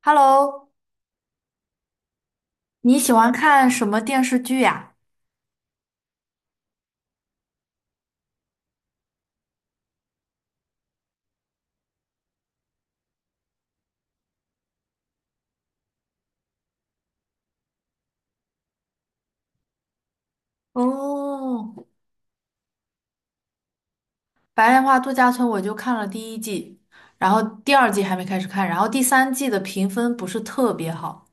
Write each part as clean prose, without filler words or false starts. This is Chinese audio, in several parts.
Hello,你喜欢看什么电视剧呀？哦，白莲花度假村我就看了第一季，然后第二季还没开始看，然后第三季的评分不是特别好。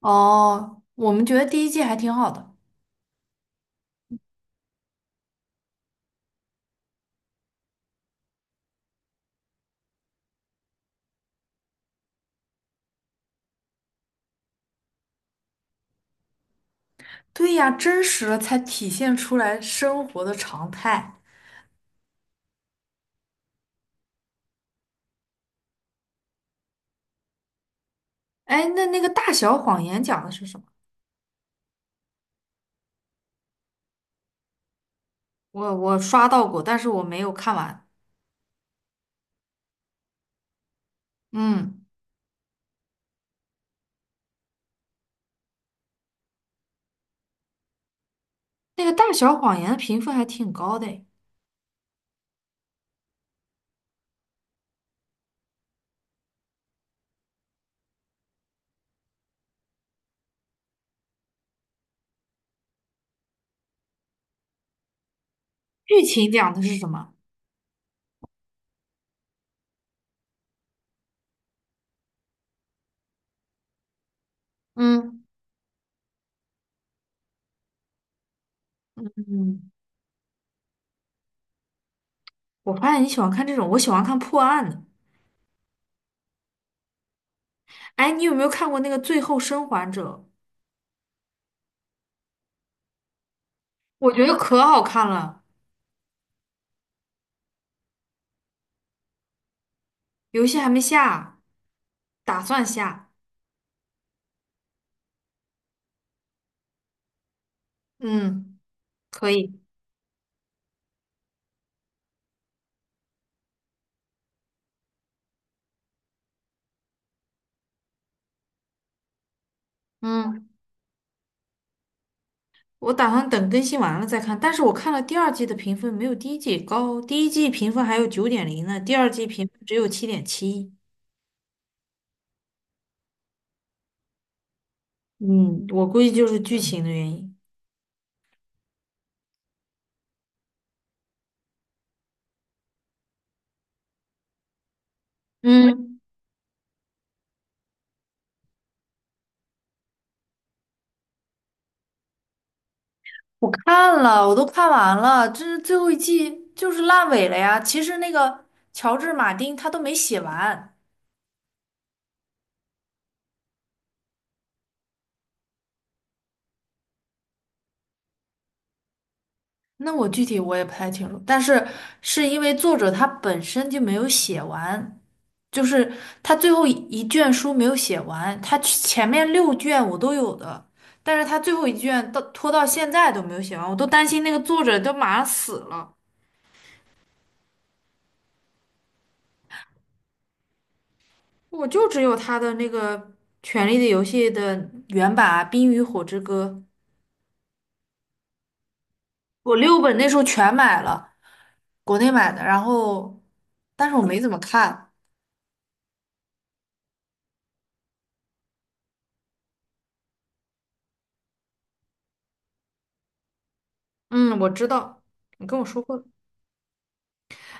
哦，我们觉得第一季还挺好的。对呀，真实了才体现出来生活的常态。哎，那个《大小谎言》讲的是什么？我刷到过，但是我没有看完。嗯，那个《大小谎言》的评分还挺高的诶。剧情讲的是什么？嗯嗯。我发现你喜欢看这种，我喜欢看破案的。哎，你有没有看过那个《最后生还者》？我觉得可好看了，游戏还没下，打算下。嗯，可以。嗯，我打算等更新完了再看。但是我看了第二季的评分没有第一季高，第一季评分还有九点零呢，第二季评分只有7.7。嗯，我估计就是剧情的原因。嗯。我看了，我都看完了，这是最后一季就是烂尾了呀。其实那个乔治·马丁他都没写完，那我具体我也不太清楚，但是是因为作者他本身就没有写完，就是他最后一卷书没有写完，他前面六卷我都有的，但是他最后一卷到拖到现在都没有写完，我都担心那个作者都马上死了，我就只有他的那个《权力的游戏》的原版啊《冰与火之歌》。我六本那时候全买了，国内买的，然后，但是我没怎么看。嗯，我知道，你跟我说过。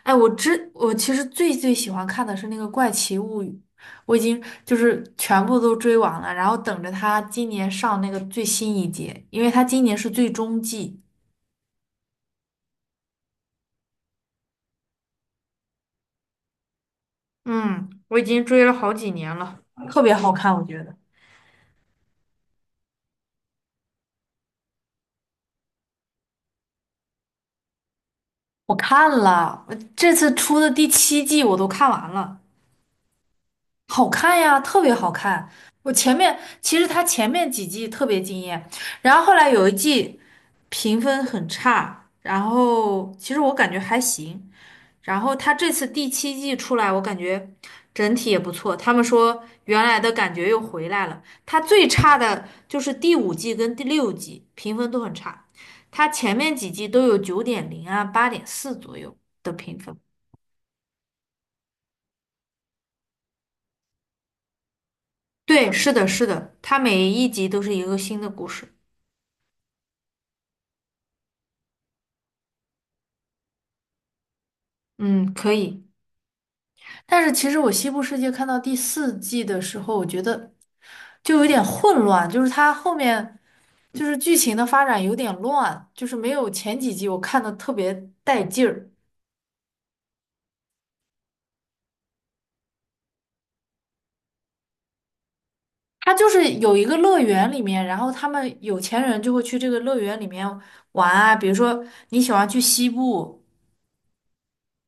哎，我其实最最喜欢看的是那个《怪奇物语》，我已经就是全部都追完了，然后等着它今年上那个最新一季，因为它今年是最终季，嗯，我已经追了好几年了。特别好看，我觉得。我看了，我这次出的第七季我都看完了。好看呀，特别好看。我前面其实他前面几季特别惊艳，然后后来有一季评分很差，然后其实我感觉还行。然后他这次第七季出来，我感觉整体也不错。他们说原来的感觉又回来了。他最差的就是第五季跟第六季评分都很差，他前面几季都有九点零啊、8.4左右的评分。对，是的，是的，他每一集都是一个新的故事。嗯，可以。但是其实我《西部世界》看到第四季的时候，我觉得就有点混乱，就是它后面就是剧情的发展有点乱，就是没有前几集我看的特别带劲儿。它就是有一个乐园里面，然后他们有钱人就会去这个乐园里面玩啊，比如说你喜欢去西部。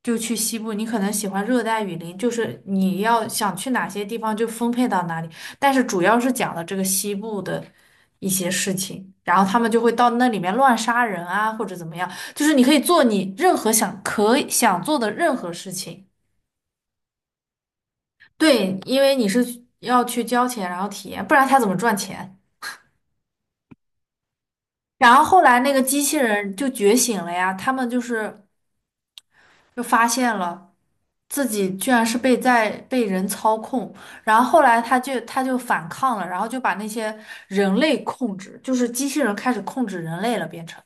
就去西部，你可能喜欢热带雨林，就是你要想去哪些地方就分配到哪里。但是主要是讲了这个西部的一些事情，然后他们就会到那里面乱杀人啊，或者怎么样，就是你可以做你任何想可以想做的任何事情。对，因为你是要去交钱，然后体验，不然他怎么赚钱？然后后来那个机器人就觉醒了呀，他们就是就发现了。自己居然是被在被人操控，然后后来他就反抗了，然后就把那些人类控制，就是机器人开始控制人类了，变成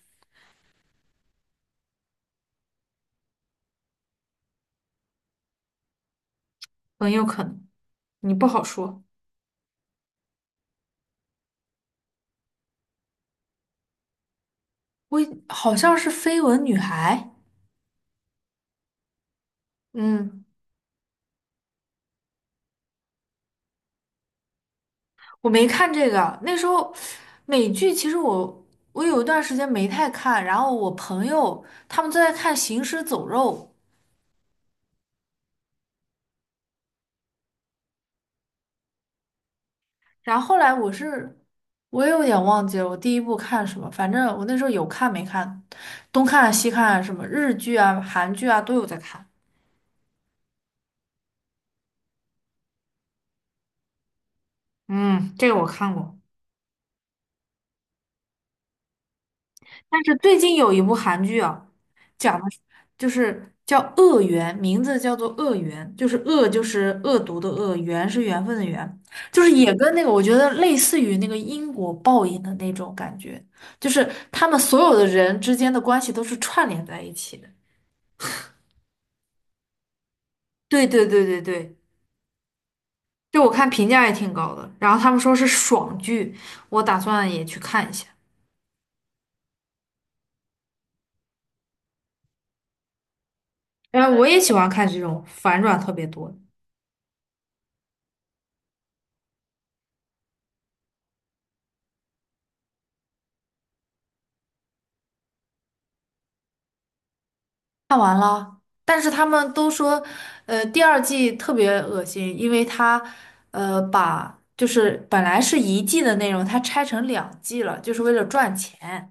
很有可能，你不好说。我好像是绯闻女孩，嗯，我没看这个，那时候美剧其实我有一段时间没太看，然后我朋友他们都在看《行尸走肉》，然后后来我也有点忘记了我第一部看什么，反正我那时候有看没看，东看啊西看啊什么日剧啊、韩剧啊都有在看。嗯，这个我看过。但是最近有一部韩剧啊，讲的是就是叫《恶缘》，名字叫做《恶缘》，就是恶就是恶毒的恶，缘是缘分的缘，就是也跟那个我觉得类似于那个因果报应的那种感觉，就是他们所有的人之间的关系都是串联在一起的。对对对对对。就我看评价也挺高的，然后他们说是爽剧，我打算也去看一下。然后我也喜欢看这种反转特别多的看完了，但是他们都说，第二季特别恶心，因为他，把就是本来是一季的内容，它拆成两季了，就是为了赚钱。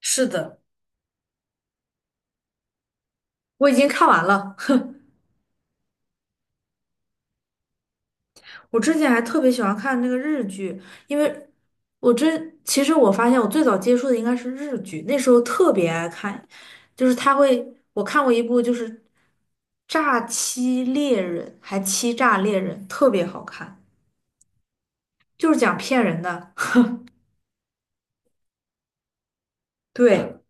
是的，我已经看完了。哼。我之前还特别喜欢看那个日剧，因为其实我发现我最早接触的应该是日剧，那时候特别爱看，就是他会，我看过一部就是《诈欺猎人》，还《欺诈猎人》，特别好看，就是讲骗人的。对，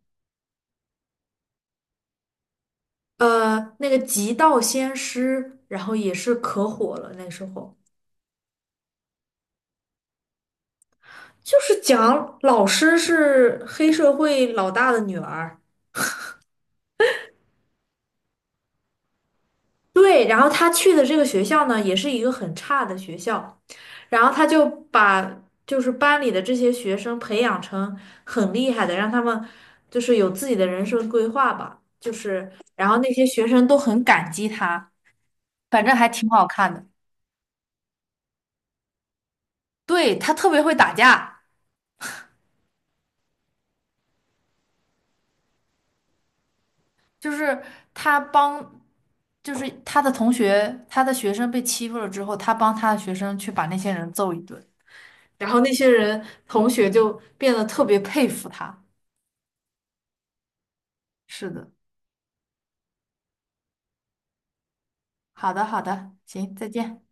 那个《极道先师》，然后也是可火了，那时候就是讲老师是黑社会老大的女儿。对，然后他去的这个学校呢，也是一个很差的学校，然后他就把就是班里的这些学生培养成很厉害的，让他们就是有自己的人生规划吧，就是然后那些学生都很感激他，反正还挺好看的。对，他特别会打架，就是他帮，就是他的同学，他的学生被欺负了之后，他帮他的学生去把那些人揍一顿，然后那些人同学就变得特别佩服他。是的，好的，好的，行，再见。